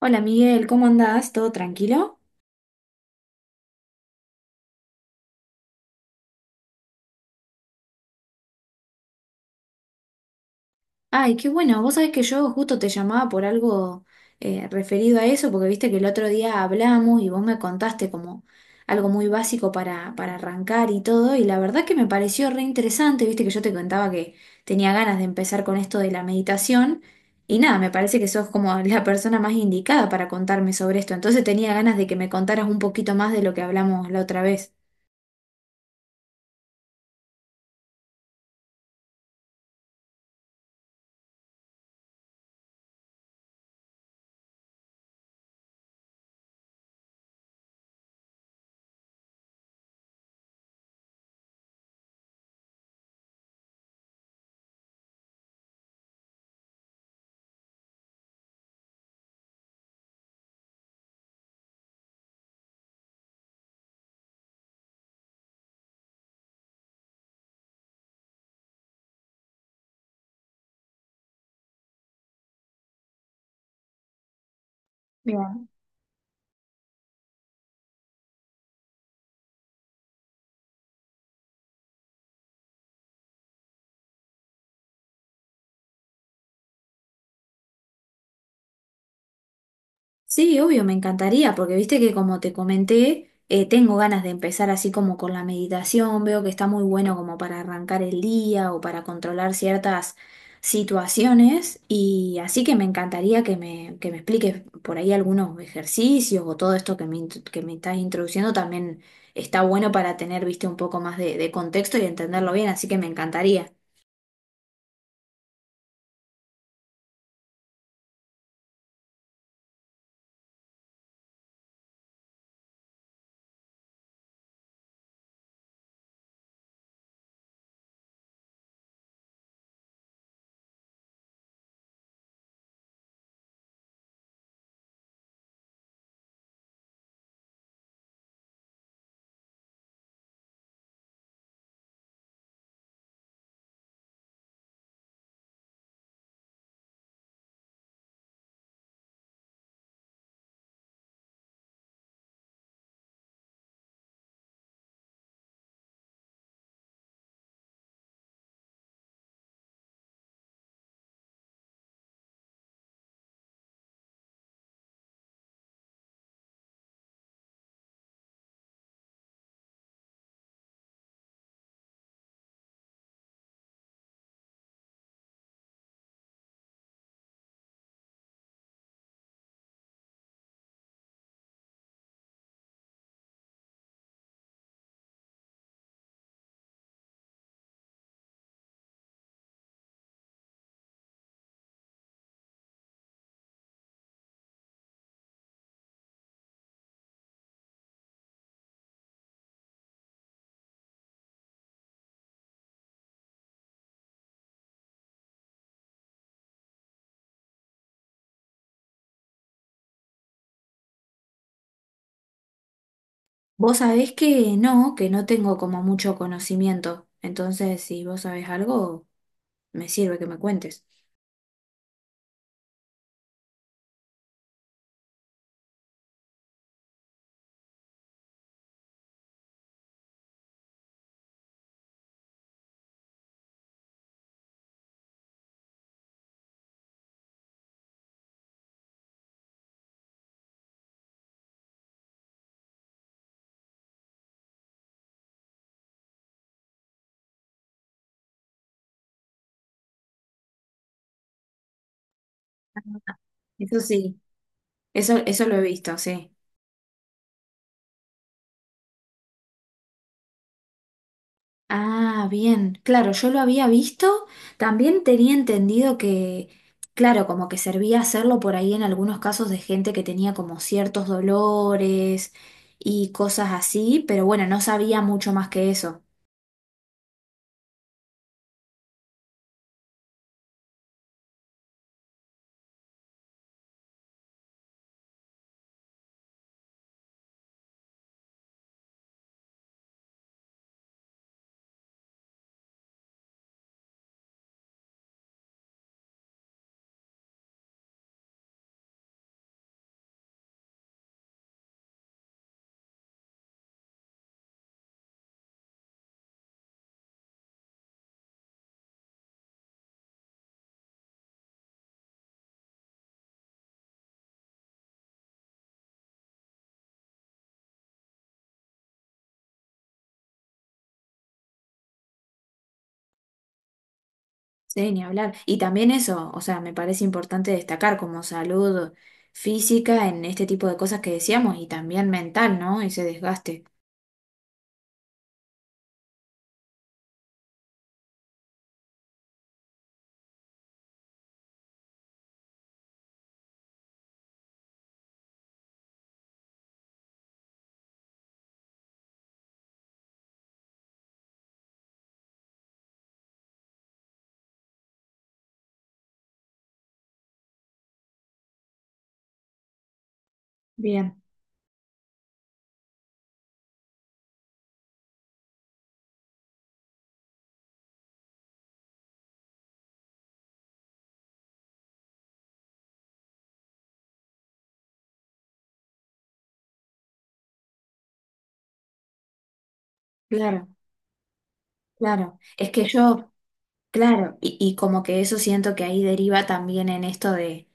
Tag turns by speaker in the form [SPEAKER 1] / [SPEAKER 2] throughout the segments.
[SPEAKER 1] Hola Miguel, ¿cómo andás? ¿Todo tranquilo? Ay, qué bueno, vos sabés que yo justo te llamaba por algo referido a eso, porque viste que el otro día hablamos y vos me contaste como algo muy básico para arrancar y todo, y la verdad que me pareció re interesante, viste que yo te contaba que tenía ganas de empezar con esto de la meditación, y nada, me parece que sos como la persona más indicada para contarme sobre esto, entonces tenía ganas de que me contaras un poquito más de lo que hablamos la otra vez. Sí, obvio, me encantaría, porque viste que como te comenté, tengo ganas de empezar así como con la meditación, veo que está muy bueno como para arrancar el día o para controlar ciertas situaciones, y así que me encantaría que me expliques por ahí algunos ejercicios o todo esto que que me estás introduciendo también está bueno para tener, viste, un poco más de contexto y entenderlo bien, así que me encantaría. Vos sabés que no tengo como mucho conocimiento, entonces si vos sabés algo. Me sirve que me cuentes. Eso sí, eso lo he visto, sí. Ah, bien. Claro, yo lo había visto. También tenía entendido que, claro, como que servía hacerlo por ahí en algunos casos de gente que tenía como ciertos dolores y cosas así, pero bueno, no sabía mucho más que eso. Sí, ni hablar. Y también eso, o sea, me parece importante destacar como salud física en este tipo de cosas que decíamos y también mental, ¿no? Ese desgaste. Bien, claro. Claro, es que yo, claro, y como que eso siento que ahí deriva también en esto de,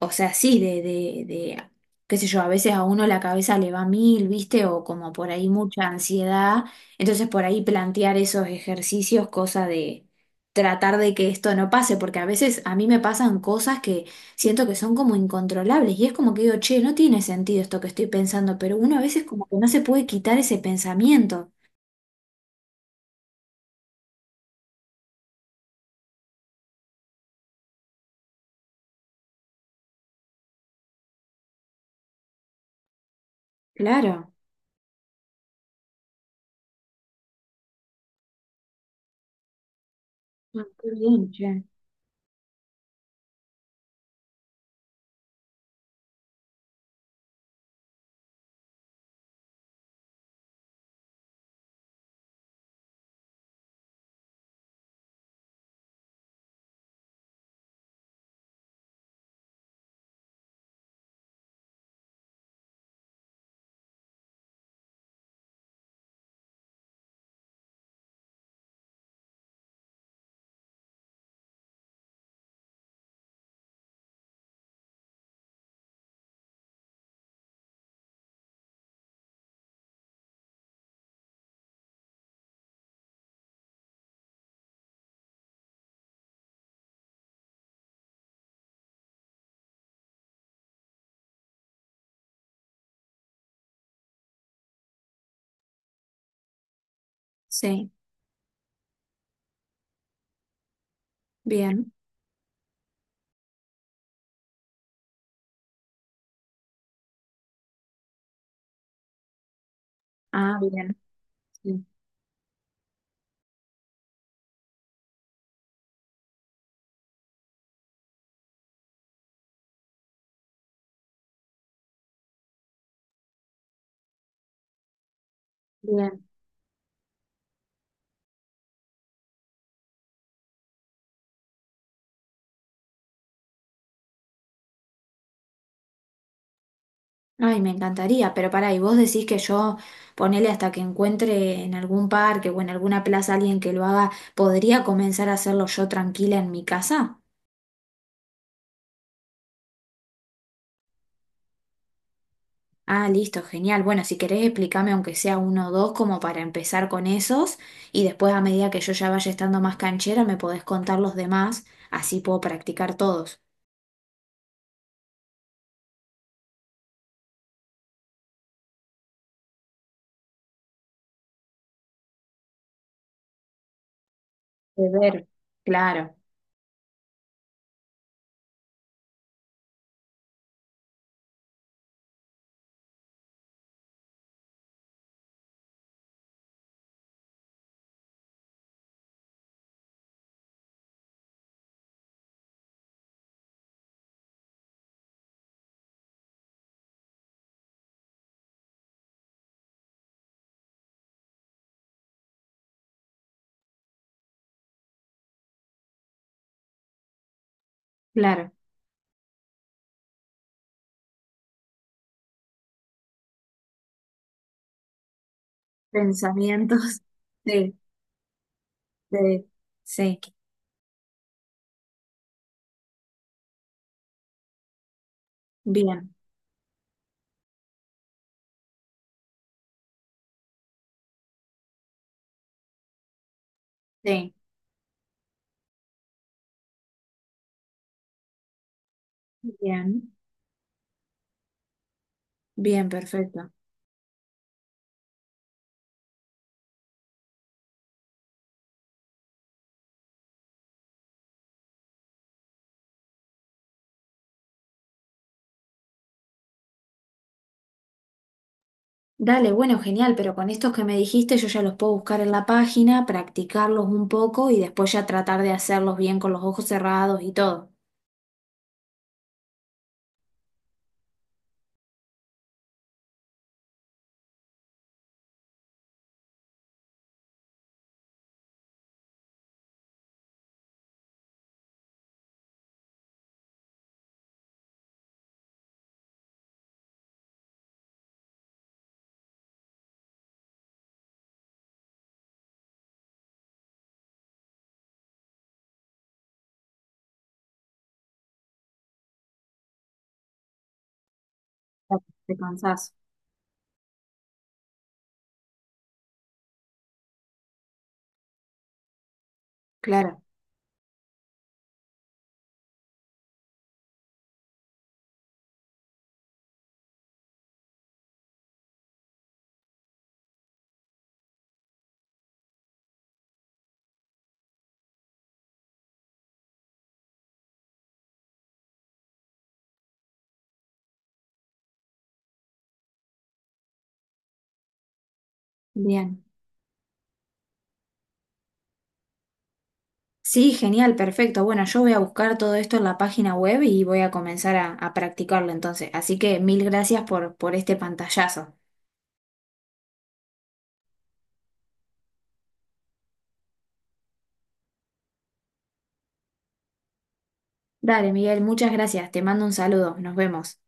[SPEAKER 1] o sea, sí, de qué sé yo, a veces a uno la cabeza le va mil, ¿viste? O como por ahí mucha ansiedad, entonces por ahí plantear esos ejercicios, cosa de tratar de que esto no pase, porque a veces a mí me pasan cosas que siento que son como incontrolables y es como que digo, che, no tiene sentido esto que estoy pensando, pero uno a veces como que no se puede quitar ese pensamiento. Claro. Ah, qué bien, che. Sí. Bien. Ah, bien. Sí, bien. Ay, me encantaría, pero pará, y vos decís que yo ponele hasta que encuentre en algún parque o en alguna plaza alguien que lo haga, ¿podría comenzar a hacerlo yo tranquila en mi casa? Ah, listo, genial. Bueno, si querés explícame aunque sea uno o dos como para empezar con esos y después a medida que yo ya vaya estando más canchera me podés contar los demás, así puedo practicar todos. De ver, claro. claro. Pensamientos. Sí, sí, sí. Bien. Sí, bien, bien, perfecto. Dale, bueno, genial, pero con estos que me dijiste yo ya los puedo buscar en la página, practicarlos un poco y después ya tratar de hacerlos bien con los ojos cerrados y todo. Ya te cansás. Claro, bien. Sí, genial, perfecto. Bueno, yo voy a buscar todo esto en la página web y voy a comenzar a practicarlo entonces. Así que mil gracias por este pantallazo. Dale, Miguel, muchas gracias. Te mando un saludo. Nos vemos.